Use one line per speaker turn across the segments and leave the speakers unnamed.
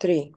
3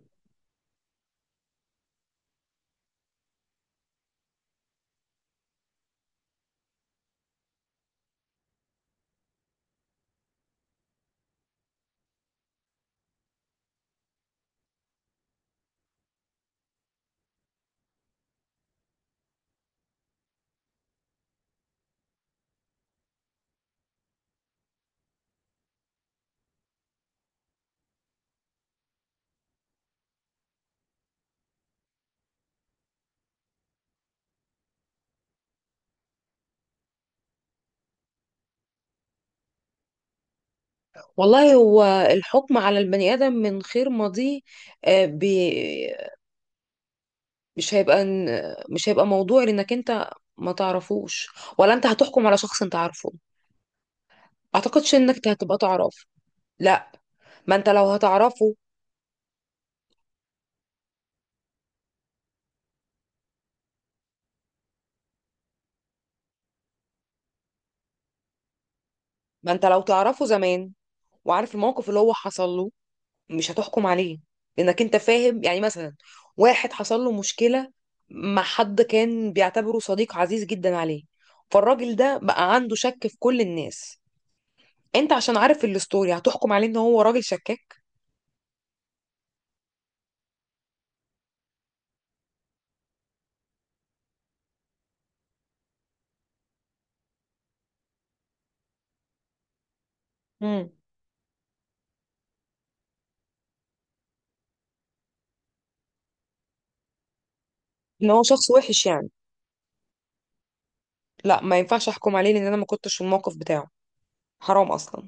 والله هو الحكم على البني آدم من خير ماضيه آه، بي- مش هيبقى مش هيبقى موضوع لانك انت ما تعرفوش، ولا انت هتحكم على شخص انت عارفه. اعتقدش انك هتبقى تعرفه. لا، ما انت لو هتعرفه. ما انت لو تعرفه زمان وعارف الموقف اللي هو حصل له مش هتحكم عليه، لانك انت فاهم. يعني مثلا واحد حصل له مشكلة مع حد كان بيعتبره صديق عزيز جدا عليه، فالراجل ده بقى عنده شك في كل الناس. انت عشان عارف الستوري هتحكم عليه ان هو راجل شكاك. امم ان هو شخص وحش يعني. لا، ما ينفعش احكم عليه، لان انا ما كنتش في الموقف بتاعه. حرام اصلا.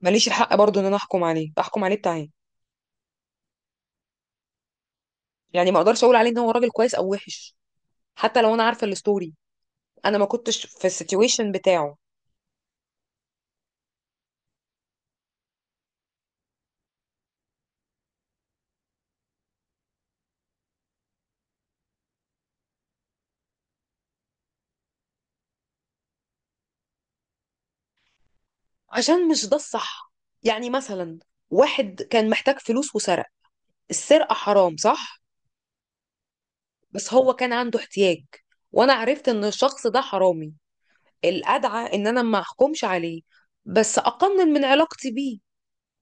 ماليش الحق برضو ان انا احكم عليه، احكم عليه بتاعي يعني. ما اقدرش اقول عليه ان هو راجل كويس او وحش، حتى لو انا عارفه الستوري. انا ما كنتش في السيتويشن بتاعه. عشان مش ده الصح. يعني مثلا واحد كان محتاج فلوس وسرق. السرقة حرام صح، بس هو كان عنده احتياج. وانا عرفت ان الشخص ده حرامي، الأدعى إن أنا ما أحكمش عليه، بس أقنن من علاقتي بيه.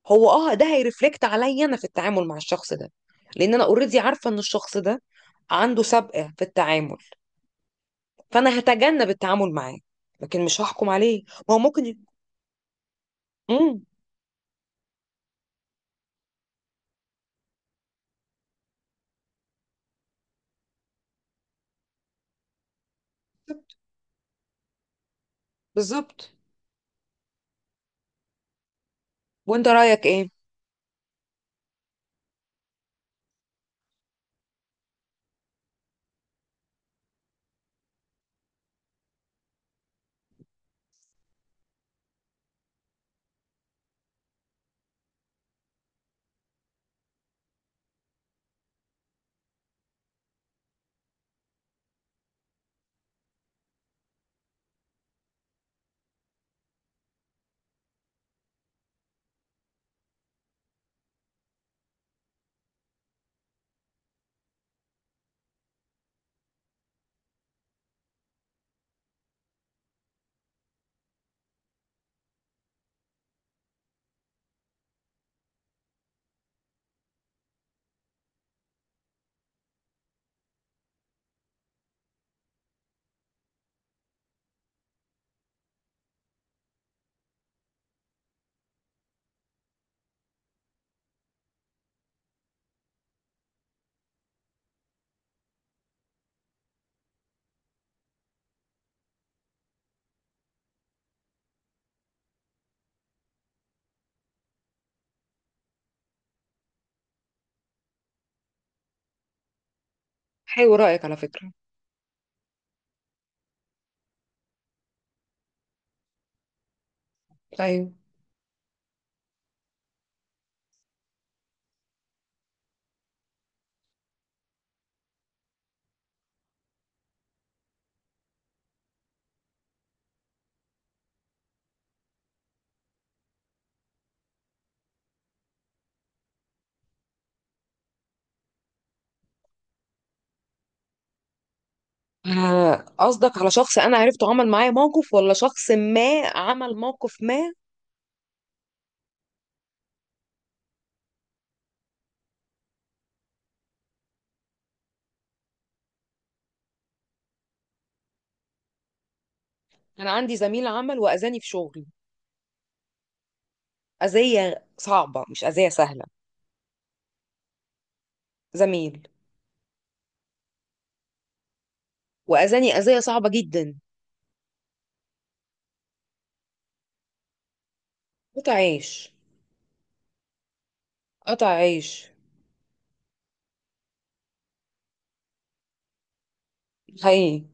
هو أه ده هيرفلكت عليا أنا في التعامل مع الشخص ده، لأن أنا أوريدي عارفة إن الشخص ده عنده سابقة في التعامل، فأنا هتجنب التعامل معاه. لكن مش هحكم عليه، ما هو ممكن. امم بالظبط. وأنت رأيك إيه؟ حلو رأيك على فكرة. ايوه. قصدك على شخص انا عرفته عمل معايا موقف، ولا شخص ما عمل موقف ما؟ انا عندي زميل عمل واذاني في شغلي، أذية صعبة مش أذية سهلة. زميل. وأذاني أذية صعبة جدا. قطع عيش. قطع عيش. حقيقي.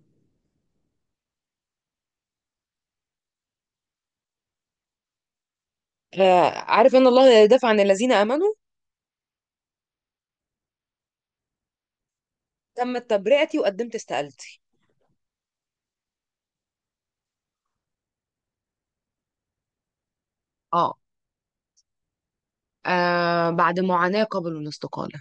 عارف ان الله لا يدافع عن الذين امنوا. تمت تبرئتي وقدمت استقالتي. اه. بعد معاناة قبل الاستقالة.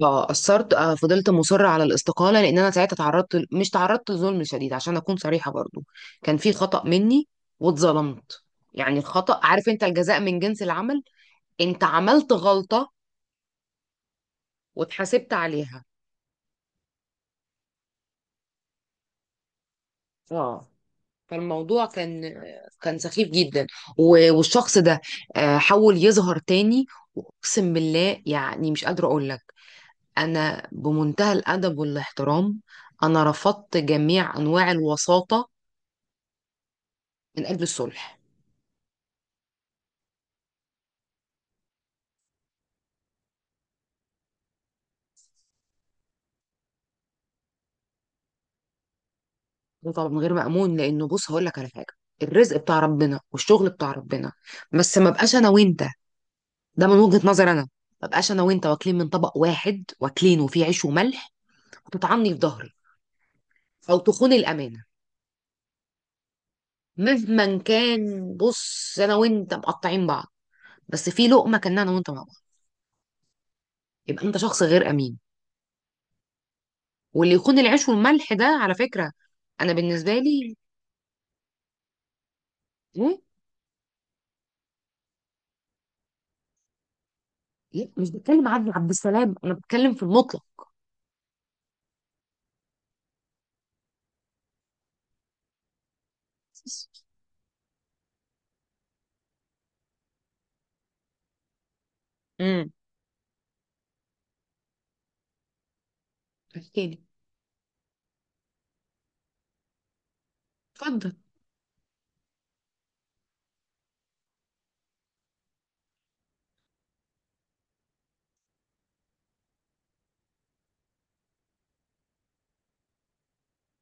فأثرت، فضلت مصرة على الاستقالة، لأن أنا ساعتها مش تعرضت لظلم شديد عشان أكون صريحة برضو. كان في خطأ مني واتظلمت. يعني الخطأ عارف أنت الجزاء من جنس العمل. أنت عملت غلطة واتحاسبت عليها. اه. فالموضوع كان سخيف جدا. والشخص ده حاول يظهر تاني، واقسم بالله يعني مش قادره اقول لك. انا بمنتهى الادب والاحترام انا رفضت جميع انواع الوساطه من اجل الصلح. ده طبعا من غير مأمون، لانه بص هقول لك على حاجه. الرزق بتاع ربنا والشغل بتاع ربنا، بس ما بقاش انا وانت. ده من وجهة نظر انا. ما بقاش انا وانت واكلين من طبق واحد واكلين وفيه عيش وملح، وتطعني في ظهري او تخون الامانه. مهما كان بص انا وانت مقطعين بعض، بس في لقمه كنا انا وانت مع بعض، يبقى انت شخص غير امين. واللي يكون العيش والملح ده على فكره. انا بالنسبه لي. ايه. لا، مش بتكلم عن عبد السلام، انا بتكلم في المطلق. امم احكي لي. اتفضل.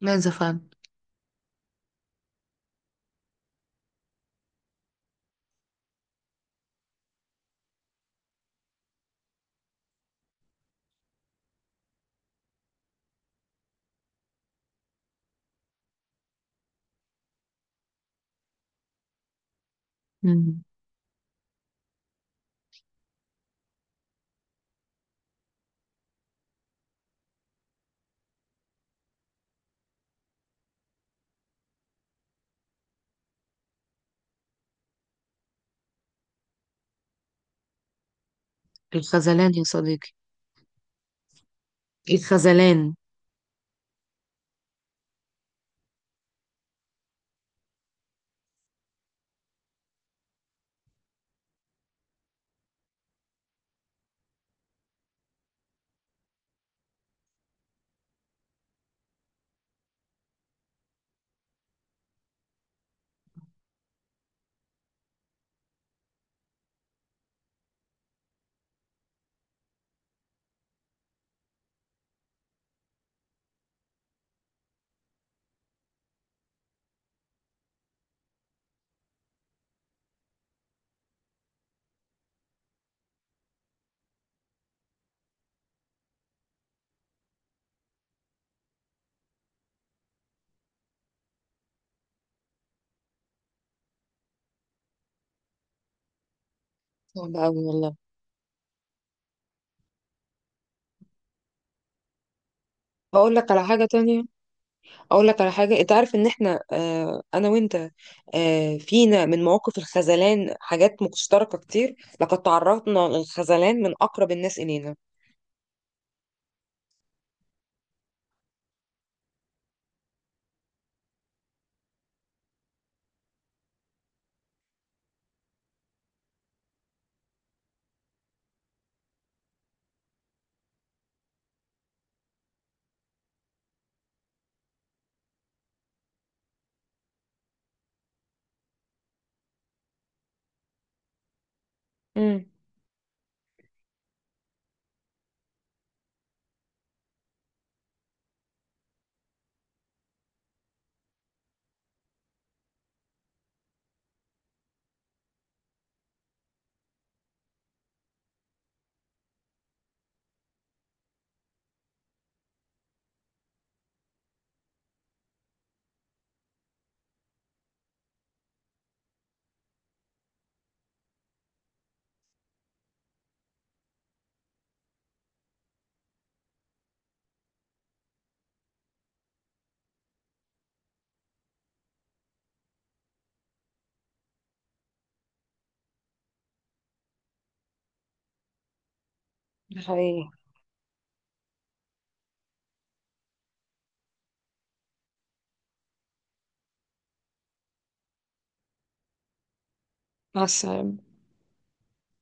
ماذا فعل. مم. الخذلان يا صديقي. الخذلان. صعب أوي والله. هقول لك على حاجة تانية. اقول لك على حاجه. انت عارف ان احنا انا وانت، فينا من مواقف الخذلان حاجات مشتركه كتير. لقد تعرضنا للخذلان من اقرب الناس الينا. امم ده حقيقي. مع السلامة.